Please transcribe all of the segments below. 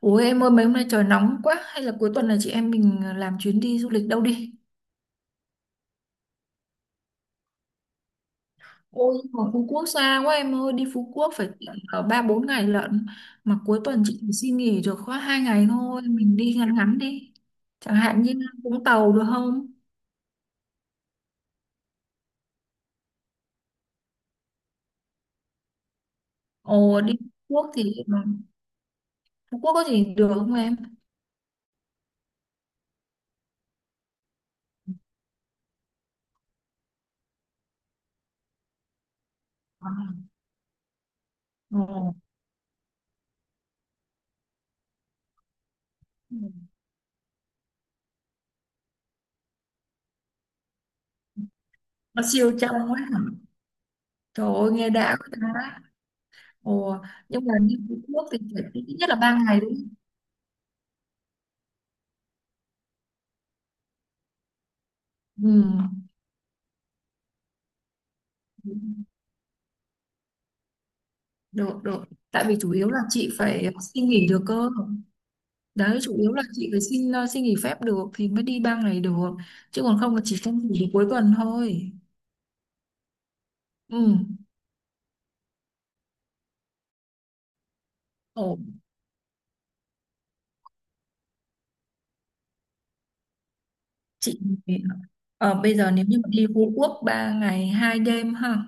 Ủa em ơi, mấy hôm nay trời nóng quá. Hay là cuối tuần này chị em mình làm chuyến đi du lịch đâu đi? Ôi mà Phú Quốc xa quá em ơi. Đi Phú Quốc phải tận ở ba bốn ngày lận. Mà cuối tuần chị chỉ xin nghỉ được có 2 ngày thôi. Mình đi ngắn ngắn đi. Chẳng hạn như Vũng Tàu được không? Ồ, đi Phú Quốc thì Phú Quốc có gì được không em? Ồ, nó siêu trong quá hả? Trời ơi nghe đã quá ta. Ồ, nhưng mà đi Phú Quốc thì phải ít nhất là 3 ngày đúng không? Ừ. Được, được, tại vì chủ yếu là chị phải xin nghỉ được cơ. Đấy, chủ yếu là chị phải xin nghỉ phép được thì mới đi 3 ngày được. Chứ còn không là chỉ xin nghỉ được cuối tuần thôi. Ừ. Ồ, chị bây giờ nếu như mà đi Phú Quốc 3 ngày 2 đêm ha?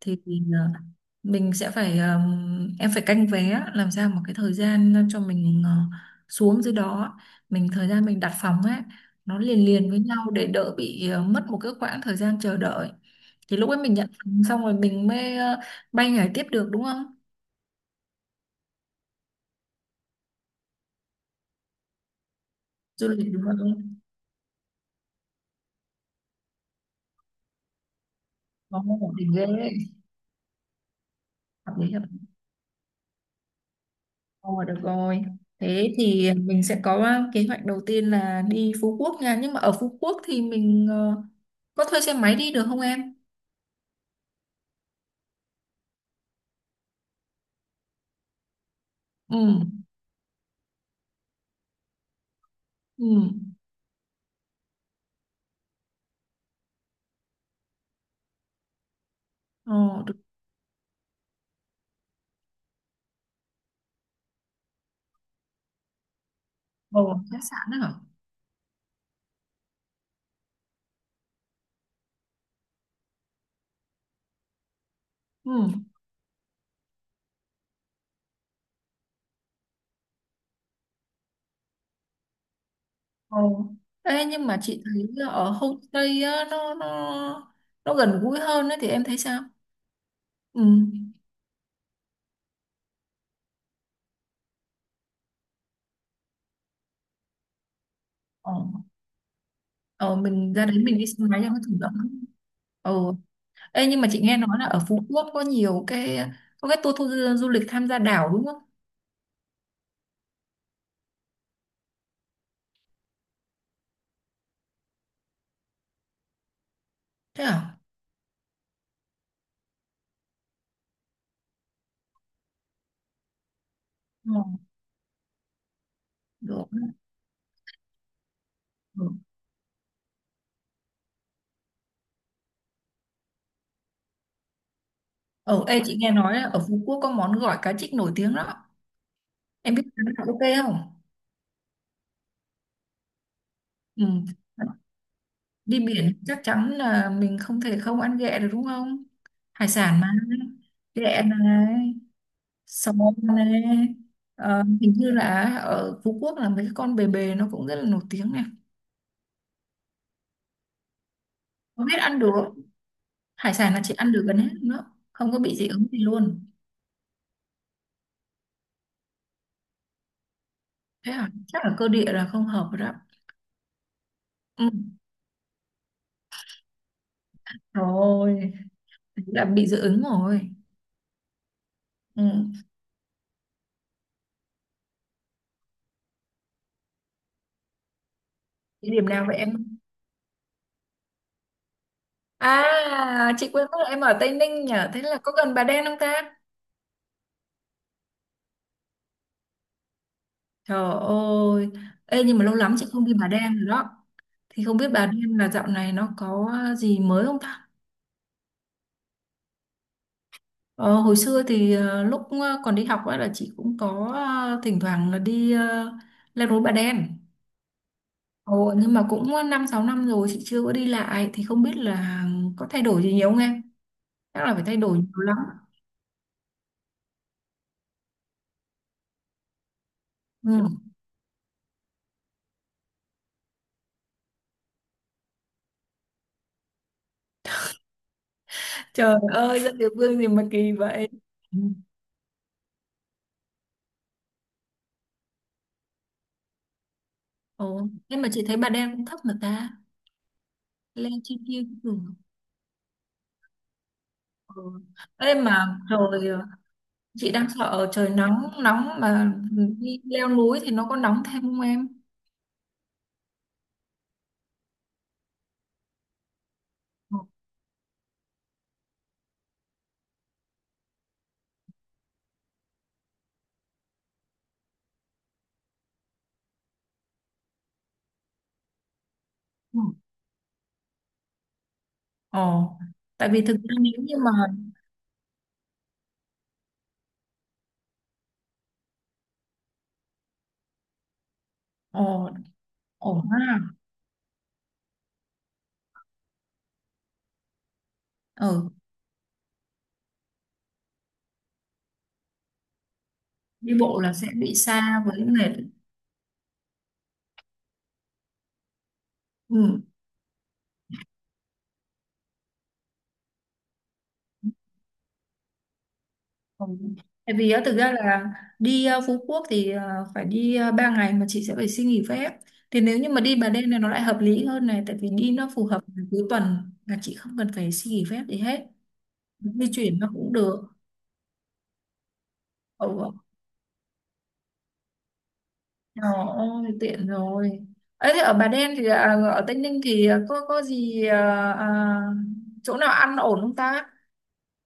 Thì mình sẽ phải, em phải canh vé làm sao một cái thời gian cho mình xuống dưới đó. Mình thời gian mình đặt phòng ấy nó liền liền với nhau để đỡ bị mất một cái khoảng thời gian chờ đợi. Thì lúc ấy mình nhận phòng xong rồi mình mới bay nhảy tiếp được đúng không? Du lịch đúng không? Có ổn định ghê đấy. Hợp lý, hợp lý. Ồ, được rồi. Thế thì mình sẽ có kế hoạch đầu tiên là đi Phú Quốc nha, nhưng mà ở Phú Quốc thì mình có thuê xe máy đi được không em? Ừ. Ừ. Ờ, được. Bầu khách sạn đó hả? Ừ. Ờ. Ê, nhưng mà chị thấy ở homestay á, nó gần gũi hơn ấy, thì em thấy sao? Ừ. Ờ. Ờ, mình ra đấy mình đi xe máy cho nó chủ động. Ờ. Ê, nhưng mà chị nghe nói là ở Phú Quốc có nhiều cái có cái tour du du lịch tham gia đảo đúng không? Thế à? Ừ. Được. Ừ. Ờ, ê, chị nghe nói là ở Phú Quốc có món gỏi cá trích nổi tiếng đó. Em biết cái đó ok không? Ừ. Đi biển chắc chắn là mình không thể không ăn ghẹ được đúng không? Hải sản mà, ghẹ này, sò này. Ờ, hình như là ở Phú Quốc là mấy cái con bề bề nó cũng rất là nổi tiếng này. Không biết, ăn được. Hải sản là chị ăn được gần hết nữa, không có bị dị ứng gì luôn. Thế à, chắc là cơ địa là không hợp rồi đó. Ừ. Rồi, là bị dị ứng rồi. Ừ. Địa điểm nào vậy em? À, chị quên mất là em ở Tây Ninh nhỉ. Thế là có gần Bà Đen không ta? Trời ơi, ê nhưng mà lâu lắm chị không đi Bà Đen rồi đó. Thì không biết Bà Đen là dạo này nó có gì mới không ta? Ờ, hồi xưa thì lúc còn đi học ấy là chị cũng có thỉnh thoảng là đi leo núi Bà Đen. Ồ, nhưng mà cũng 5 6 năm rồi chị chưa có đi lại, thì không biết là có thay đổi gì nhiều không em? Chắc là phải thay đổi nhiều lắm. Ừ. Trời ơi, dân địa phương gì mà kỳ vậy. Ừ. Ồ, nhưng mà chị thấy Bà Đen cũng thấp mà ta. Leo trên kia cũng được. Ừ. Ê mà rồi chị đang sợ trời nóng nóng, mà đi leo núi thì nó có nóng thêm không em? Ừ. Ồ, tại vì thực ra nếu như mà… Ồ, ổn ha. Ừ. Đi bộ là sẽ bị xa với mệt. Ừ. Ừ. Tại vì á, thực ra là đi Phú Quốc thì phải đi 3 ngày mà chị sẽ phải xin nghỉ phép. Thì nếu như mà đi Bà Đen này nó lại hợp lý hơn này, tại vì đi nó phù hợp với cuối tuần là chị không cần phải xin nghỉ phép gì hết. Di chuyển nó cũng được. Ừ. Trời ơi, tiện rồi. Ấy thế ở Bà Đen thì à, ở Tây Ninh thì à, có gì à, à, chỗ nào ăn ổn không ta?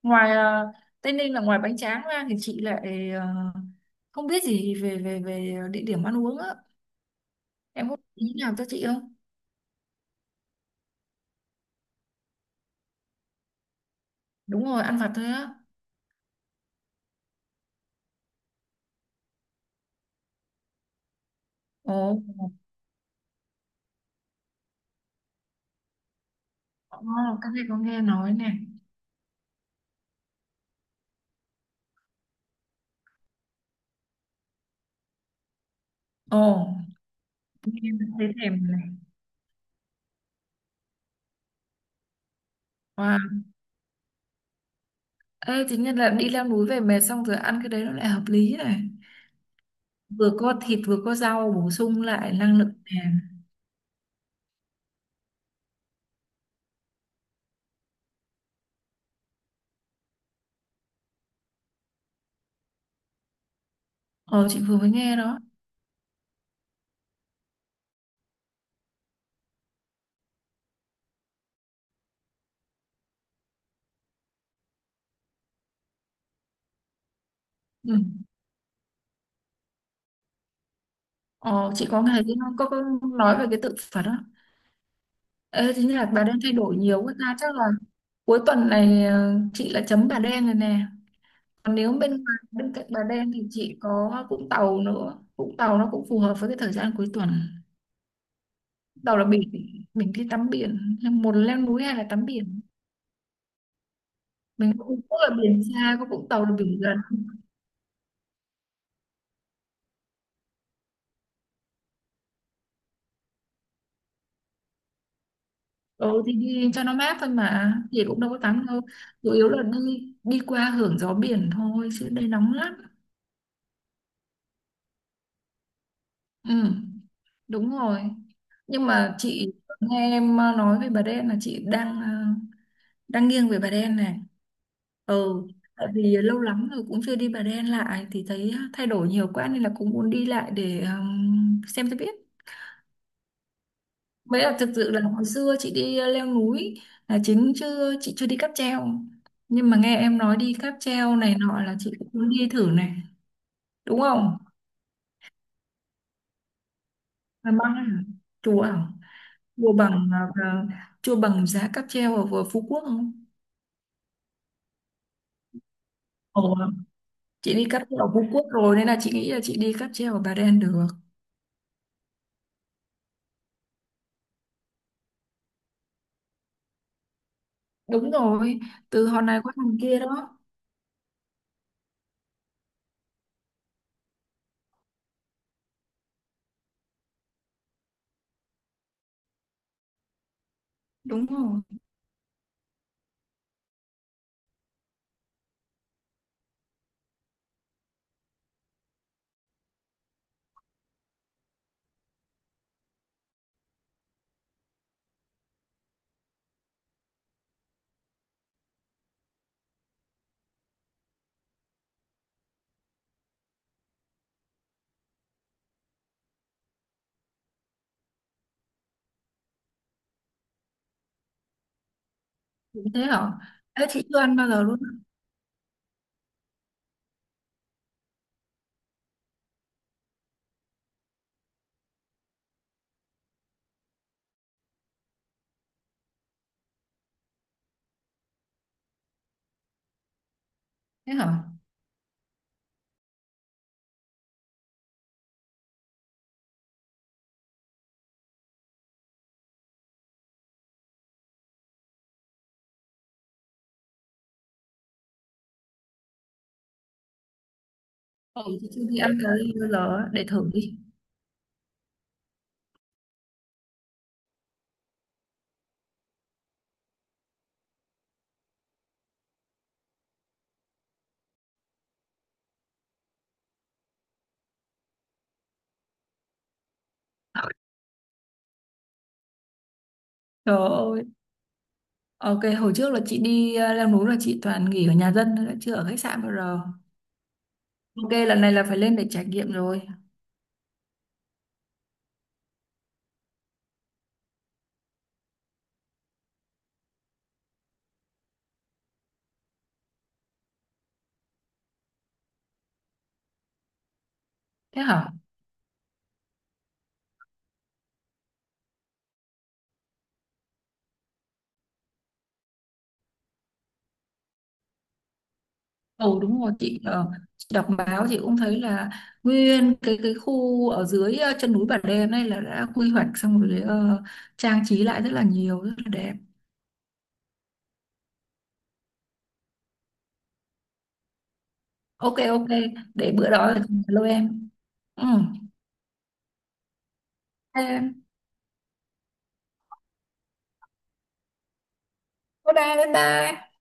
Ngoài à, Tây Ninh là ngoài bánh tráng ra thì chị lại à, không biết gì về về về địa điểm ăn uống á. Em có ý nào cho chị không? Đúng rồi, ăn vặt thôi á. Ồ, ồ, các em có nghe nói này. Ồ, nghe thấy thèm này. Wow. Ê, chính là đi leo núi về mệt xong rồi ăn cái đấy nó lại hợp lý này. Vừa có thịt vừa có rau bổ sung lại năng lượng nàng. Ờ, chị vừa mới nghe đó. Ừ. Ờ, chị có nghe cái có nói về cái tự phật đó. Ê, chính là Bà Đen thay đổi nhiều quá ta, chắc là… Cuối tuần này chị là chấm Bà Đen rồi nè. Còn nếu bên bên cạnh Bà Đen thì chị có Vũng Tàu nữa. Vũng Tàu nó cũng phù hợp với cái thời gian cuối tuần. Vũng Tàu là biển, mình đi tắm biển. Một là leo núi hay là tắm biển. Mình cũng có là biển xa, có Vũng Tàu là biển gần. Ừ thì đi cho nó mát thôi mà, thì cũng đâu có tắm đâu. Chủ yếu là đi đi qua hưởng gió biển thôi, chứ đây nóng lắm. Ừ, đúng rồi. Nhưng mà chị nghe em nói về Bà Đen là chị đang nghiêng về Bà Đen này. Ừ. Tại vì lâu lắm rồi cũng chưa đi Bà Đen lại thì thấy thay đổi nhiều quá nên là cũng muốn đi lại để xem cho biết. Mới là thực sự là hồi xưa chị đi leo núi là chính, chứ chị chưa đi cáp treo. Nhưng mà nghe em nói đi cáp treo này nọ là chị cũng muốn đi thử này, đúng không? Là băng à? Chùa à? Chùa bằng à, à, chùa bằng giá cáp treo ở vừa Phú Quốc không? Ồ, chị đi cáp treo ở Phú Quốc rồi nên là chị nghĩ là chị đi cáp treo ở Bà Đen được. Đúng rồi, từ hòn này qua hòn kia đó. Đúng rồi. Thế hả? Thế chị chưa ăn bao giờ luôn. Thế hả? Ừ. Chị chưa đi ăn cái bao giờ á, để thử đi. Trời ơi, ok, hồi trước là chị đi leo núi là chị toàn nghỉ ở nhà dân thôi, đã chưa ở khách sạn bao giờ. Ok, lần này là phải lên để trải nghiệm rồi. Thế hả? Ồ đúng rồi, chị đọc báo chị cũng thấy là nguyên cái khu ở dưới chân núi Bà Đen này là đã quy hoạch xong rồi, trang trí lại rất là nhiều, rất là đẹp. Ok, ok, để bữa đó là lôi em. Ừ. Em, bye bye, bye bye.